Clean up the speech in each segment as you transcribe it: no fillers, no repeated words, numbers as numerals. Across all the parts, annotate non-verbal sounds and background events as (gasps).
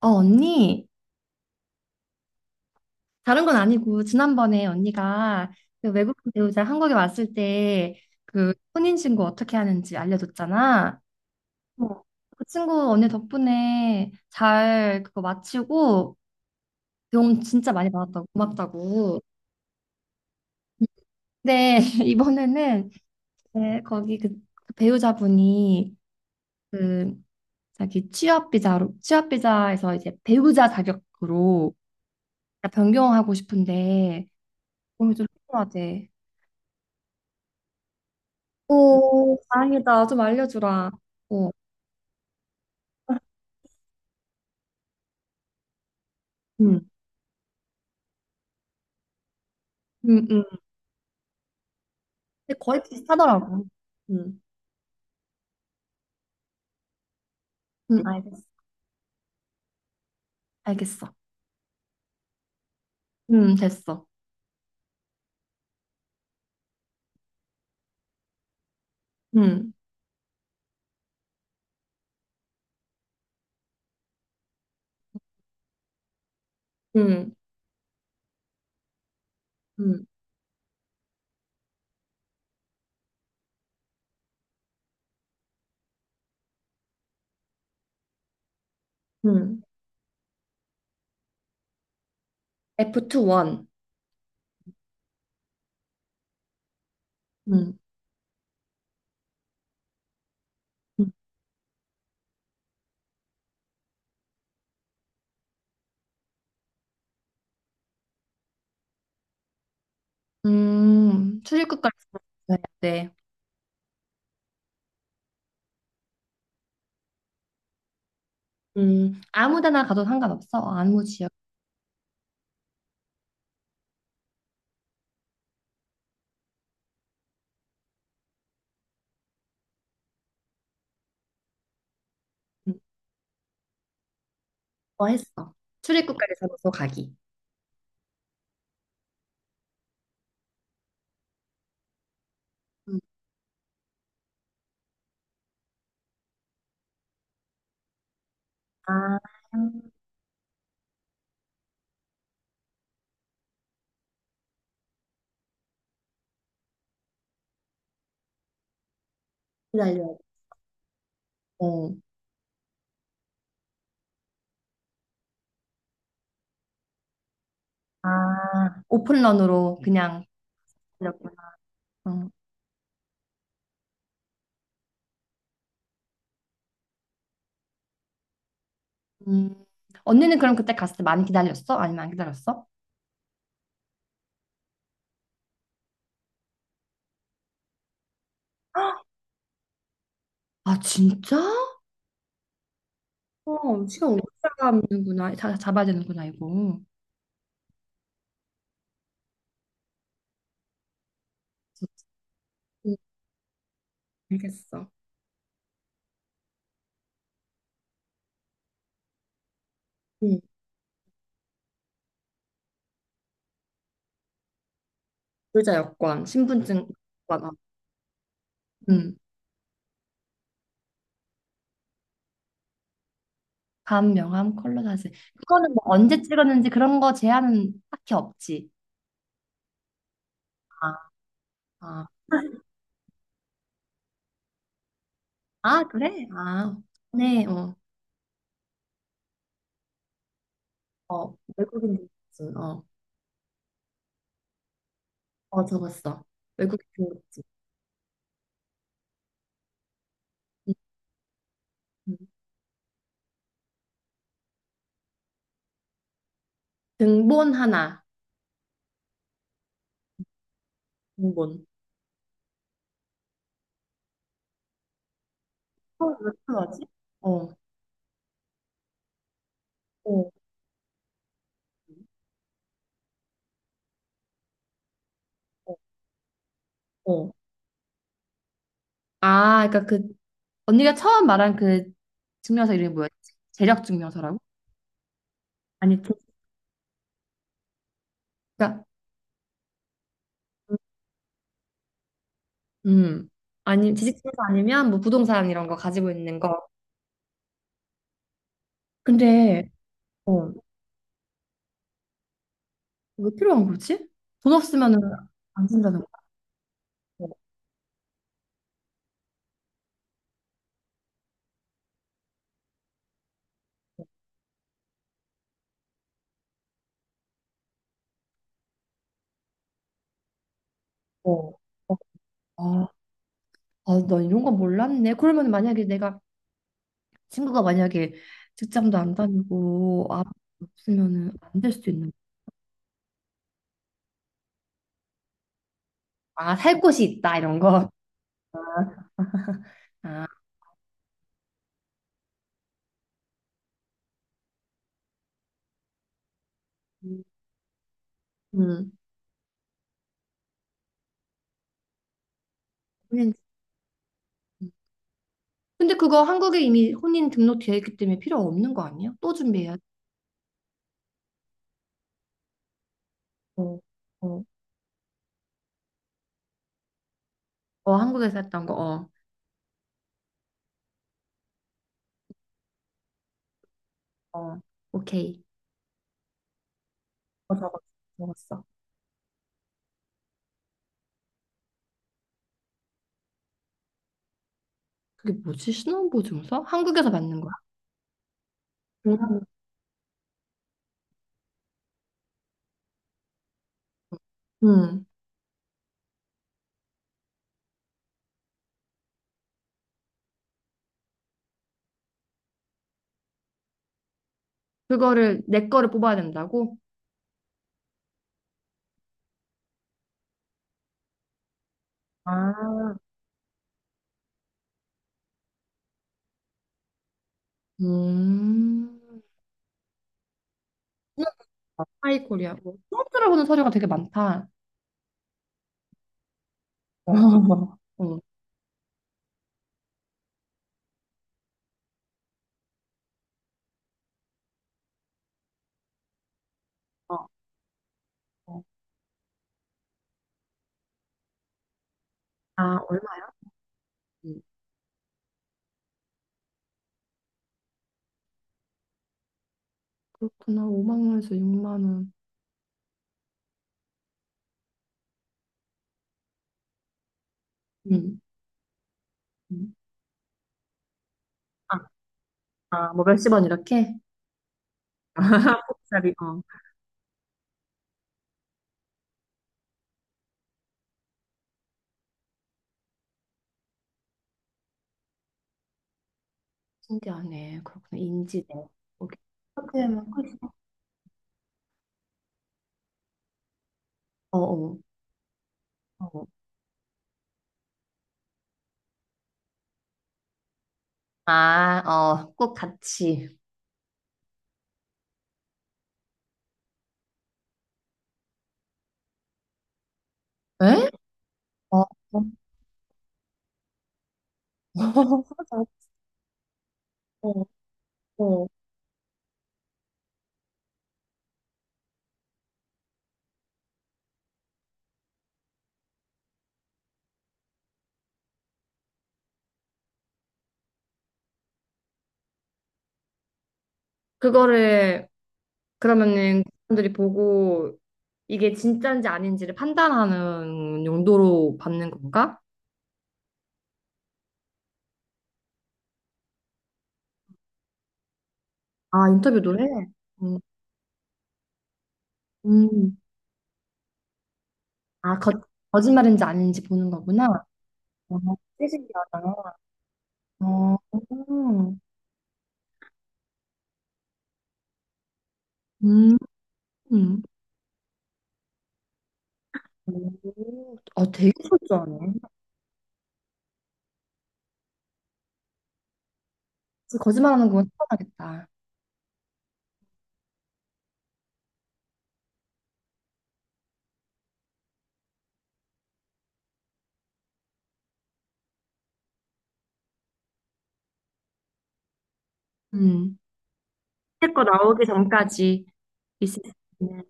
어, 언니, 다른 건 아니고, 지난번에 언니가 그 외국인 배우자 한국에 왔을 때 그 혼인신고 어떻게 하는지 알려줬잖아. 어. 그 친구 언니 덕분에 잘 그거 마치고 도움 진짜 많이 받았다고, 고맙다고. 근데 (laughs) 이번에는 네, 거기 그, 그 배우자분이 그 자기 취업비자로, 취업비자에서 이제 배우자 자격으로 변경하고 싶은데 몸이 좀 필요하대. 오, 다행이다. 좀 알려주라. 어. 음, 음, 음, 근데 거의 비슷하더라고. 음, 알겠어. 알겠어. 됐어. 음, 음, 음. 음, F2-1. 음, 음, 출입국까지 있야 돼. 아무 데나 가도 상관없어. 아무 지역 음, 뭐 했어. 출입국까지 잡아서 가기. 음. 아, 기다려야 어, 아, 오픈런으로 그냥. 그랬구나. 음. 언니는 그럼 그때 갔을 때 많이 기다렸어? 아니면 안 기다렸어? (gasps) 아, 진짜? 어, 시간 오래 잡아는구나. 자, 잡아야 되는구나, 이거. 음, 알겠어. 응. 불자 여권, 신분증 여권. 어. 음. 감, 명함, 컬러 사진. 그거는 뭐 언제 찍었는지 그런 거 제한은 딱히 없지. 아, 아, 아, 그래? 아, 네, 어, 어, 외국인 등록증, 어, 어, 적었어. 외국인 등록증. 음, 음. 등본 하나, 등본. 어, 왜 필요하지? 어, 어, 어. 어. 아, 그러니까 그 언니가 처음 말한 그 증명서 이름이 뭐였지? 재력 증명서라고? 아니, 그- 그러니까 음. 아니, 지식 증명서 아니면 뭐 부동산 이런 거 가지고 있는 거. 근데 어. 왜 필요한 거지? 돈 없으면은 안 쓴다는 거 어. 어. 어. 아, 아, 나 이런 거 몰랐네. 그러면 만약에 내가 친구가 만약에 직장도 안 다니고 아 없으면은 안 될 수도 있는 거야. 아, 살 곳이 있다 이런 거. 아, 음. 혼인. 근데 그거 한국에 이미 혼인 등록되어 있기 때문에 필요 없는 거 아니야? 또 준비해야 돼. 어, 어, 어, 한국에서 했던 거. 어, 어, 오케이. 어, 적었어. 적었어. 그게 뭐지? 신혼보증서? 한국에서 받는 거야? 음. 음. 그거를 내 거를 뽑아야 된다고? 아, 음. 어, 하이 코리아. 뭐, 처음 들어보는 서류가 되게 많다. 어, (laughs) 어. 어. 어. 아, 얼마? 안 그렇구나. 5만 원에서 6만 원. 음. 아, 아, 뭐 몇십 원 이렇게? 목살이, 어. 신기하네. 그렇구나. 인지대. 오케이. 그러면 끝이 어, 어, 어. 아, 어, 꼭 같이. 에? 어, 어, (laughs) 맞아. 어, 어. 그거를, 그러면은, 사람들이 보고, 이게 진짜인지 아닌지를 판단하는 용도로 받는 건가? 아, 인터뷰 노래? 음, 음. 아, 거, 거짓말인지 아닌지 보는 거구나. 어, 되게 신기하다. 어, 음. 음, 오, 아, 되게 철저하네. 거짓말하는 건 편하겠다. 음. 택거 나오기 전까지 있을 수 있는.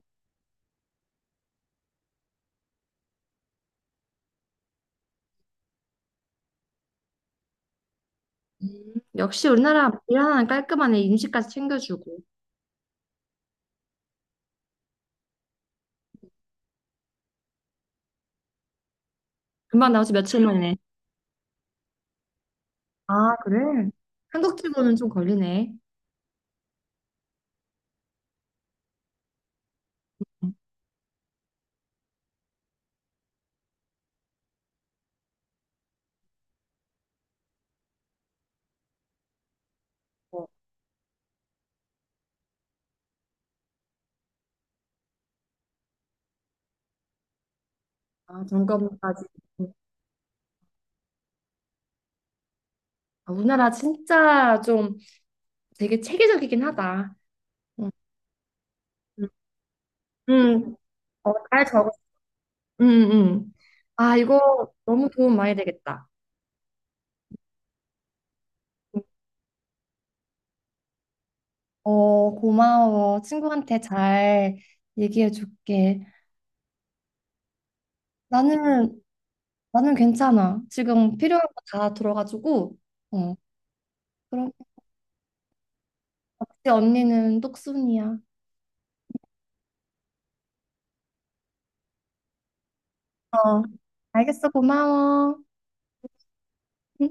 역시 우리나라 일 하나는 깔끔하네. 임시까지 챙겨주고. 금방 나오지 며칠 만에. 아, 그래? 한국 치고는 좀 걸리네. 어, 아, 점검까지. 음. 아, 우리나라 진짜 좀 되게 체계적이긴 하다. 응. 음. 음, 어, 잘 적어. 응 응 아, 이거 너무 도움 많이 되겠다. 어, 고마워. 친구한테 잘 얘기해 줄게. 나는, 나는 괜찮아. 지금 필요한 거 다 들어가지고, 어, 그럼 역시 언니는 똑순이야. 어, 알겠어. 고마워. 응?